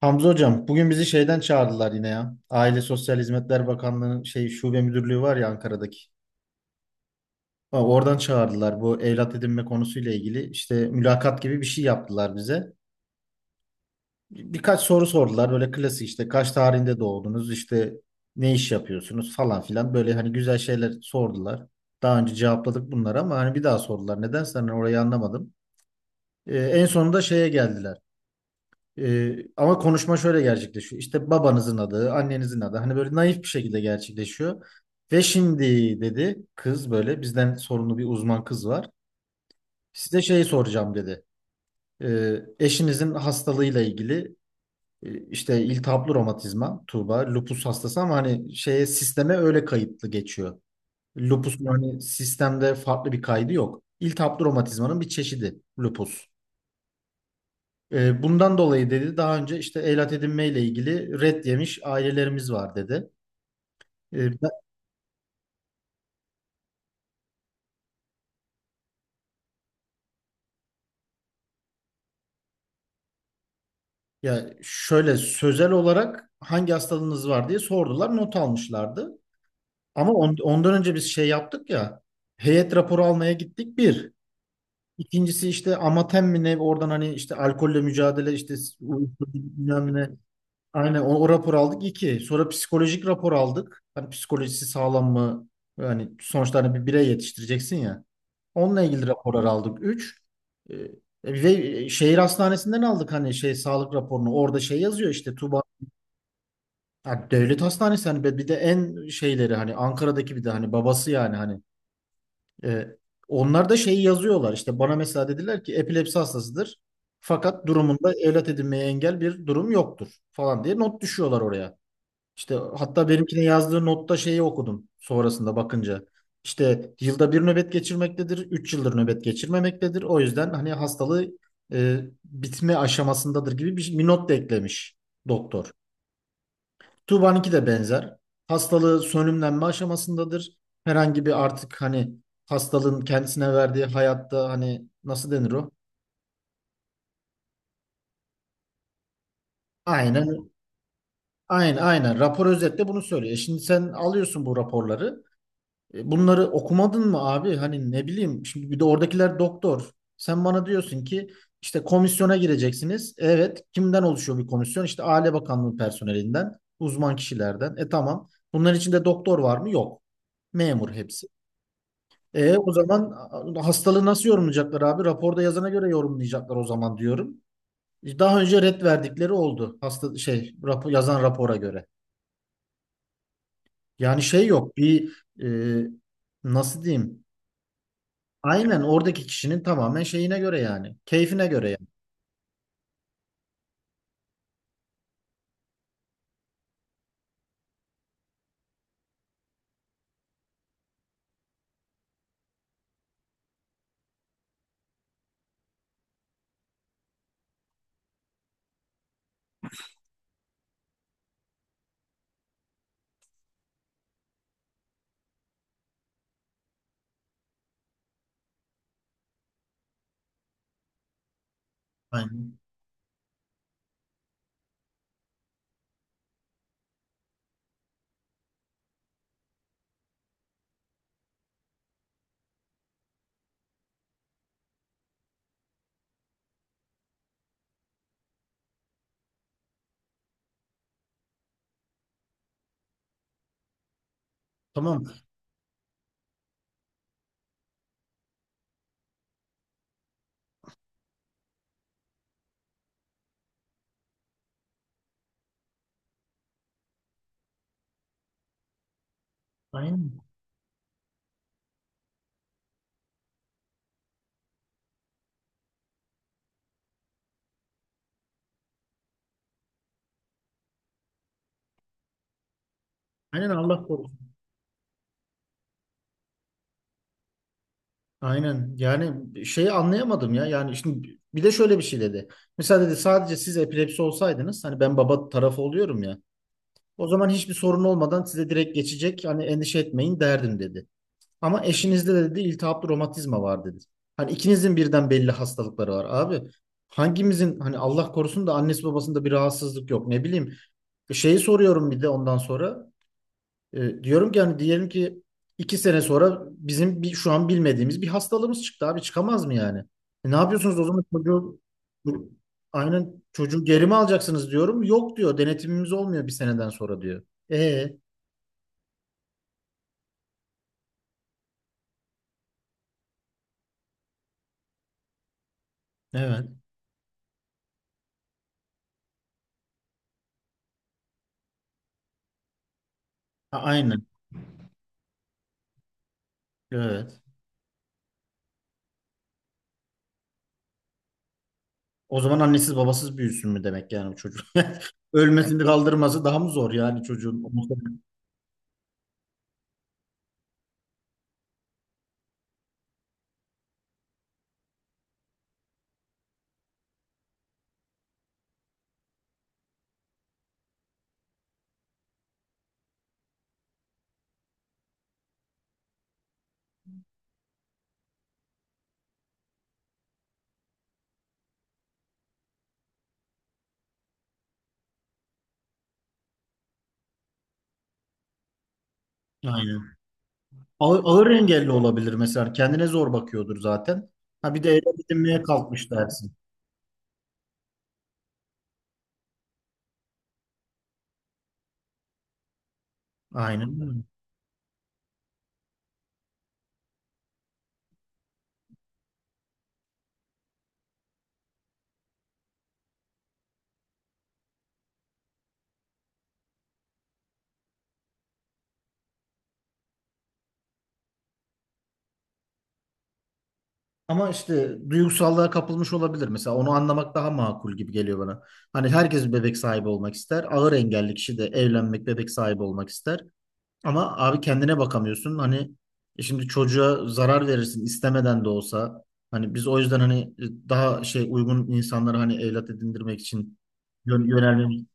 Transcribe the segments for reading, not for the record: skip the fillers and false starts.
Hamza hocam bugün bizi şeyden çağırdılar yine ya. Aile Sosyal Hizmetler Bakanlığı'nın şey şube müdürlüğü var ya Ankara'daki. Ha, oradan çağırdılar bu evlat edinme konusuyla ilgili. İşte mülakat gibi bir şey yaptılar bize. Birkaç soru sordular böyle klasik işte kaç tarihinde doğdunuz işte ne iş yapıyorsunuz falan filan böyle hani güzel şeyler sordular. Daha önce cevapladık bunları ama hani bir daha sordular. Nedense hani orayı anlamadım. En sonunda şeye geldiler. Ama konuşma şöyle gerçekleşiyor. İşte babanızın adı, annenizin adı. Hani böyle naif bir şekilde gerçekleşiyor. Ve şimdi dedi kız böyle bizden sorumlu bir uzman kız var. Size şey soracağım dedi. Eşinizin hastalığıyla ilgili işte iltihaplı romatizma, Tuğba, lupus hastası ama hani şeye sisteme öyle kayıtlı geçiyor. Lupus hani sistemde farklı bir kaydı yok. İltihaplı romatizmanın bir çeşidi lupus. Bundan dolayı dedi daha önce işte evlat edinmeyle ilgili red yemiş ailelerimiz var dedi. E, ben- ya şöyle sözel olarak hangi hastalığınız var diye sordular, not almışlardı. Ama ondan önce biz şey yaptık ya. Heyet raporu almaya gittik bir. İkincisi işte amatem mi ne oradan hani işte alkolle mücadele işte uyuşturucu bilmem ne. Aynen o rapor aldık iki. Sonra psikolojik rapor aldık. Hani psikolojisi sağlam mı? Yani sonuçta hani bir birey yetiştireceksin ya. Onunla ilgili raporlar aldık. 3. Ve şehir hastanesinden aldık hani şey sağlık raporunu. Orada şey yazıyor işte Tuba. Ha, devlet hastanesi hani bir de en şeyleri hani Ankara'daki bir de hani babası yani hani e, onlar da şeyi yazıyorlar. İşte. Bana mesela dediler ki epilepsi hastasıdır. Fakat durumunda evlat edinmeye engel bir durum yoktur falan diye not düşüyorlar oraya. İşte hatta benimkine yazdığı notta şeyi okudum sonrasında bakınca. İşte yılda bir nöbet geçirmektedir, 3 yıldır nöbet geçirmemektedir. O yüzden hani hastalığı bitme aşamasındadır gibi bir not da eklemiş doktor. Tuğba'nınki de benzer. Hastalığı sönümlenme aşamasındadır. Herhangi bir artık hani hastalığın kendisine verdiği hayatta hani nasıl denir o? Aynen, aynen, aynen. Rapor özetle bunu söylüyor. Şimdi sen alıyorsun bu raporları. Bunları okumadın mı abi? Hani ne bileyim şimdi bir de oradakiler doktor. Sen bana diyorsun ki işte komisyona gireceksiniz. Evet, kimden oluşuyor bir komisyon? İşte Aile Bakanlığı personelinden, uzman kişilerden. Tamam. Bunların içinde doktor var mı? Yok. Memur hepsi. O zaman hastalığı nasıl yorumlayacaklar abi? Raporda yazana göre yorumlayacaklar o zaman diyorum. Daha önce ret verdikleri oldu. Hasta şey rapor, yazan rapora göre. Yani şey yok. Bir e, nasıl diyeyim? Aynen oradaki kişinin tamamen şeyine göre yani. Keyfine göre yani. Aynen. Tamam. Aynen. Aynen Allah korusun. Aynen. Yani şeyi anlayamadım ya. Yani şimdi bir de şöyle bir şey dedi. Mesela dedi sadece siz epilepsi olsaydınız hani ben baba tarafı oluyorum ya. O zaman hiçbir sorun olmadan size direkt geçecek. Hani endişe etmeyin derdim dedi. Ama eşinizde de dedi iltihaplı romatizma var dedi. Hani ikinizin birden belli hastalıkları var abi. Hangimizin hani Allah korusun da annesi babasında bir rahatsızlık yok ne bileyim. Şeyi soruyorum bir de ondan sonra. Diyorum ki hani diyelim ki 2 sene sonra bizim bir, şu an bilmediğimiz bir hastalığımız çıktı abi çıkamaz mı yani? Ne yapıyorsunuz o zaman çocuğu bu- aynen çocuğu geri mi alacaksınız diyorum. Yok diyor denetimimiz olmuyor bir seneden sonra diyor. E evet. Aynen. Evet. O zaman annesiz babasız büyüsün mü demek yani bu çocuk? Ölmesini kaldırması daha mı zor yani çocuğun? Aynen. Ağır, ağır engelli olabilir mesela. Kendine zor bakıyordur zaten. Ha bir de ele edinmeye kalkmış dersin. Aynen öyle. Ama işte duygusallığa kapılmış olabilir. Mesela onu anlamak daha makul gibi geliyor bana. Hani herkes bir bebek sahibi olmak ister. Ağır engelli kişi de evlenmek, bebek sahibi olmak ister. Ama abi kendine bakamıyorsun. Hani şimdi çocuğa zarar verirsin istemeden de olsa. Hani biz o yüzden hani daha şey uygun insanları hani evlat edindirmek için yönelmemiz.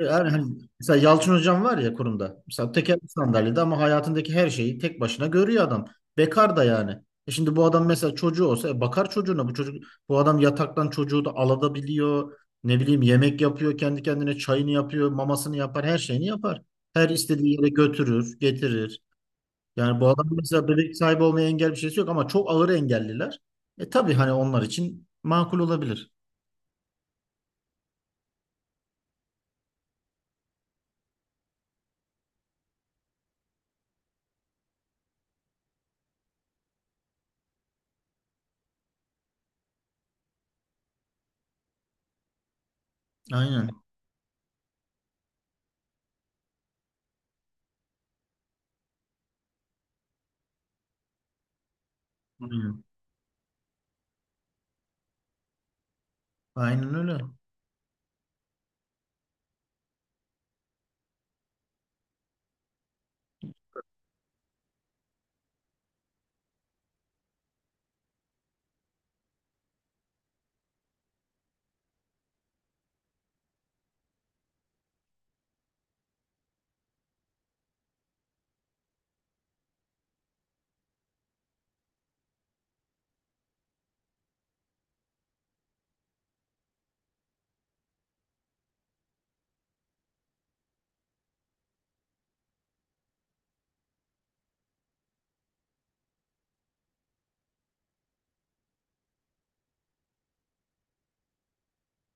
Yani hani mesela Yalçın hocam var ya kurumda. Mesela tekerlekli sandalyede ama hayatındaki her şeyi tek başına görüyor adam. Bekar da yani. Şimdi bu adam mesela çocuğu olsa bakar çocuğuna. Bu adam yataktan çocuğu da alabiliyor. Ne bileyim yemek yapıyor, kendi kendine çayını yapıyor, mamasını yapar, her şeyini yapar. Her istediği yere götürür, getirir. Yani bu adam mesela bebek sahibi olmaya engel bir şeysi yok ama çok ağır engelliler. Tabii hani onlar için makul olabilir. Aynen. Aynen, aynen öyle.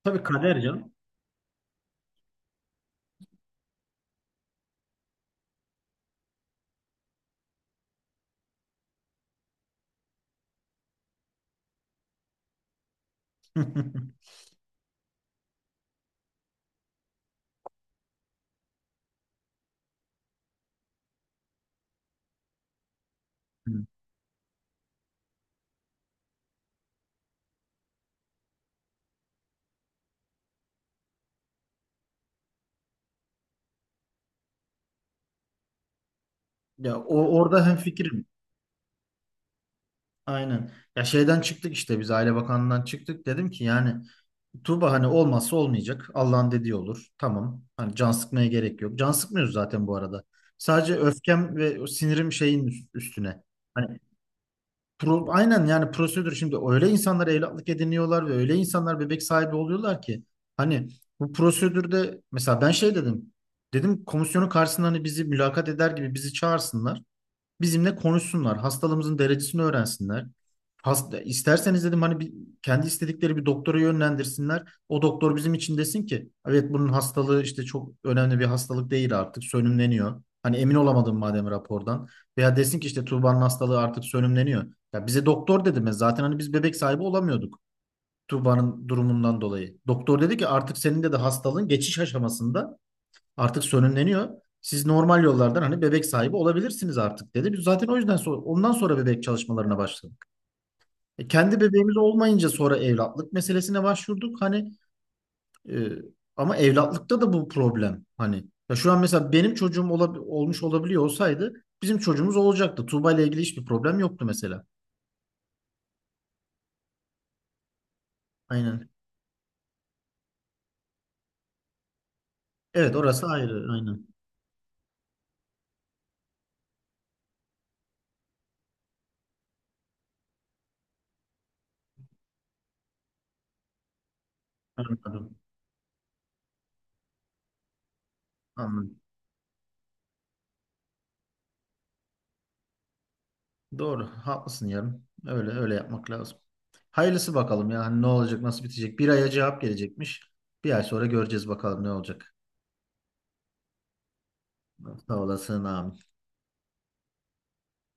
Tabii kader canım. Hı. Ya orada hemfikirim. Aynen. Ya şeyden çıktık işte biz Aile Bakanlığı'ndan çıktık. Dedim ki yani Tuğba hani olmazsa olmayacak. Allah'ın dediği olur. Tamam. Hani can sıkmaya gerek yok. Can sıkmıyoruz zaten bu arada. Sadece öfkem ve o sinirim şeyin üstüne. Hani aynen yani prosedür şimdi öyle insanlar evlatlık ediniyorlar ve öyle insanlar bebek sahibi oluyorlar ki hani bu prosedürde mesela ben şey dedim. Dedim komisyonun karşısında hani bizi mülakat eder gibi bizi çağırsınlar. Bizimle konuşsunlar. Hastalığımızın derecesini öğrensinler. Hasta, isterseniz dedim hani bir, kendi istedikleri bir doktora yönlendirsinler. O doktor bizim için desin ki evet bunun hastalığı işte çok önemli bir hastalık değil artık sönümleniyor. Hani emin olamadım madem rapordan. Veya desin ki işte Tuğba'nın hastalığı artık sönümleniyor. Ya bize doktor dedi mi? Zaten hani biz bebek sahibi olamıyorduk Tuğba'nın durumundan dolayı. Doktor dedi ki artık senin de hastalığın geçiş aşamasında artık sönümleniyor. Siz normal yollardan hani bebek sahibi olabilirsiniz artık dedi. Biz zaten o yüzden sonra, ondan sonra bebek çalışmalarına başladık. Kendi bebeğimiz olmayınca sonra evlatlık meselesine başvurduk. Hani e, ama evlatlıkta da bu problem. Hani ya şu an mesela benim çocuğum olmuş olabiliyor olsaydı bizim çocuğumuz olacaktı. Tuğba ile ilgili hiçbir problem yoktu mesela. Aynen. Evet orası ayrı. Aynen. Anladım. Anladım. Doğru. Haklısın yarın. Öyle öyle yapmak lazım. Hayırlısı bakalım ya. Hani ne olacak, nasıl bitecek? Bir aya cevap gelecekmiş. Bir ay sonra göreceğiz bakalım ne olacak. Sağ olasın abi.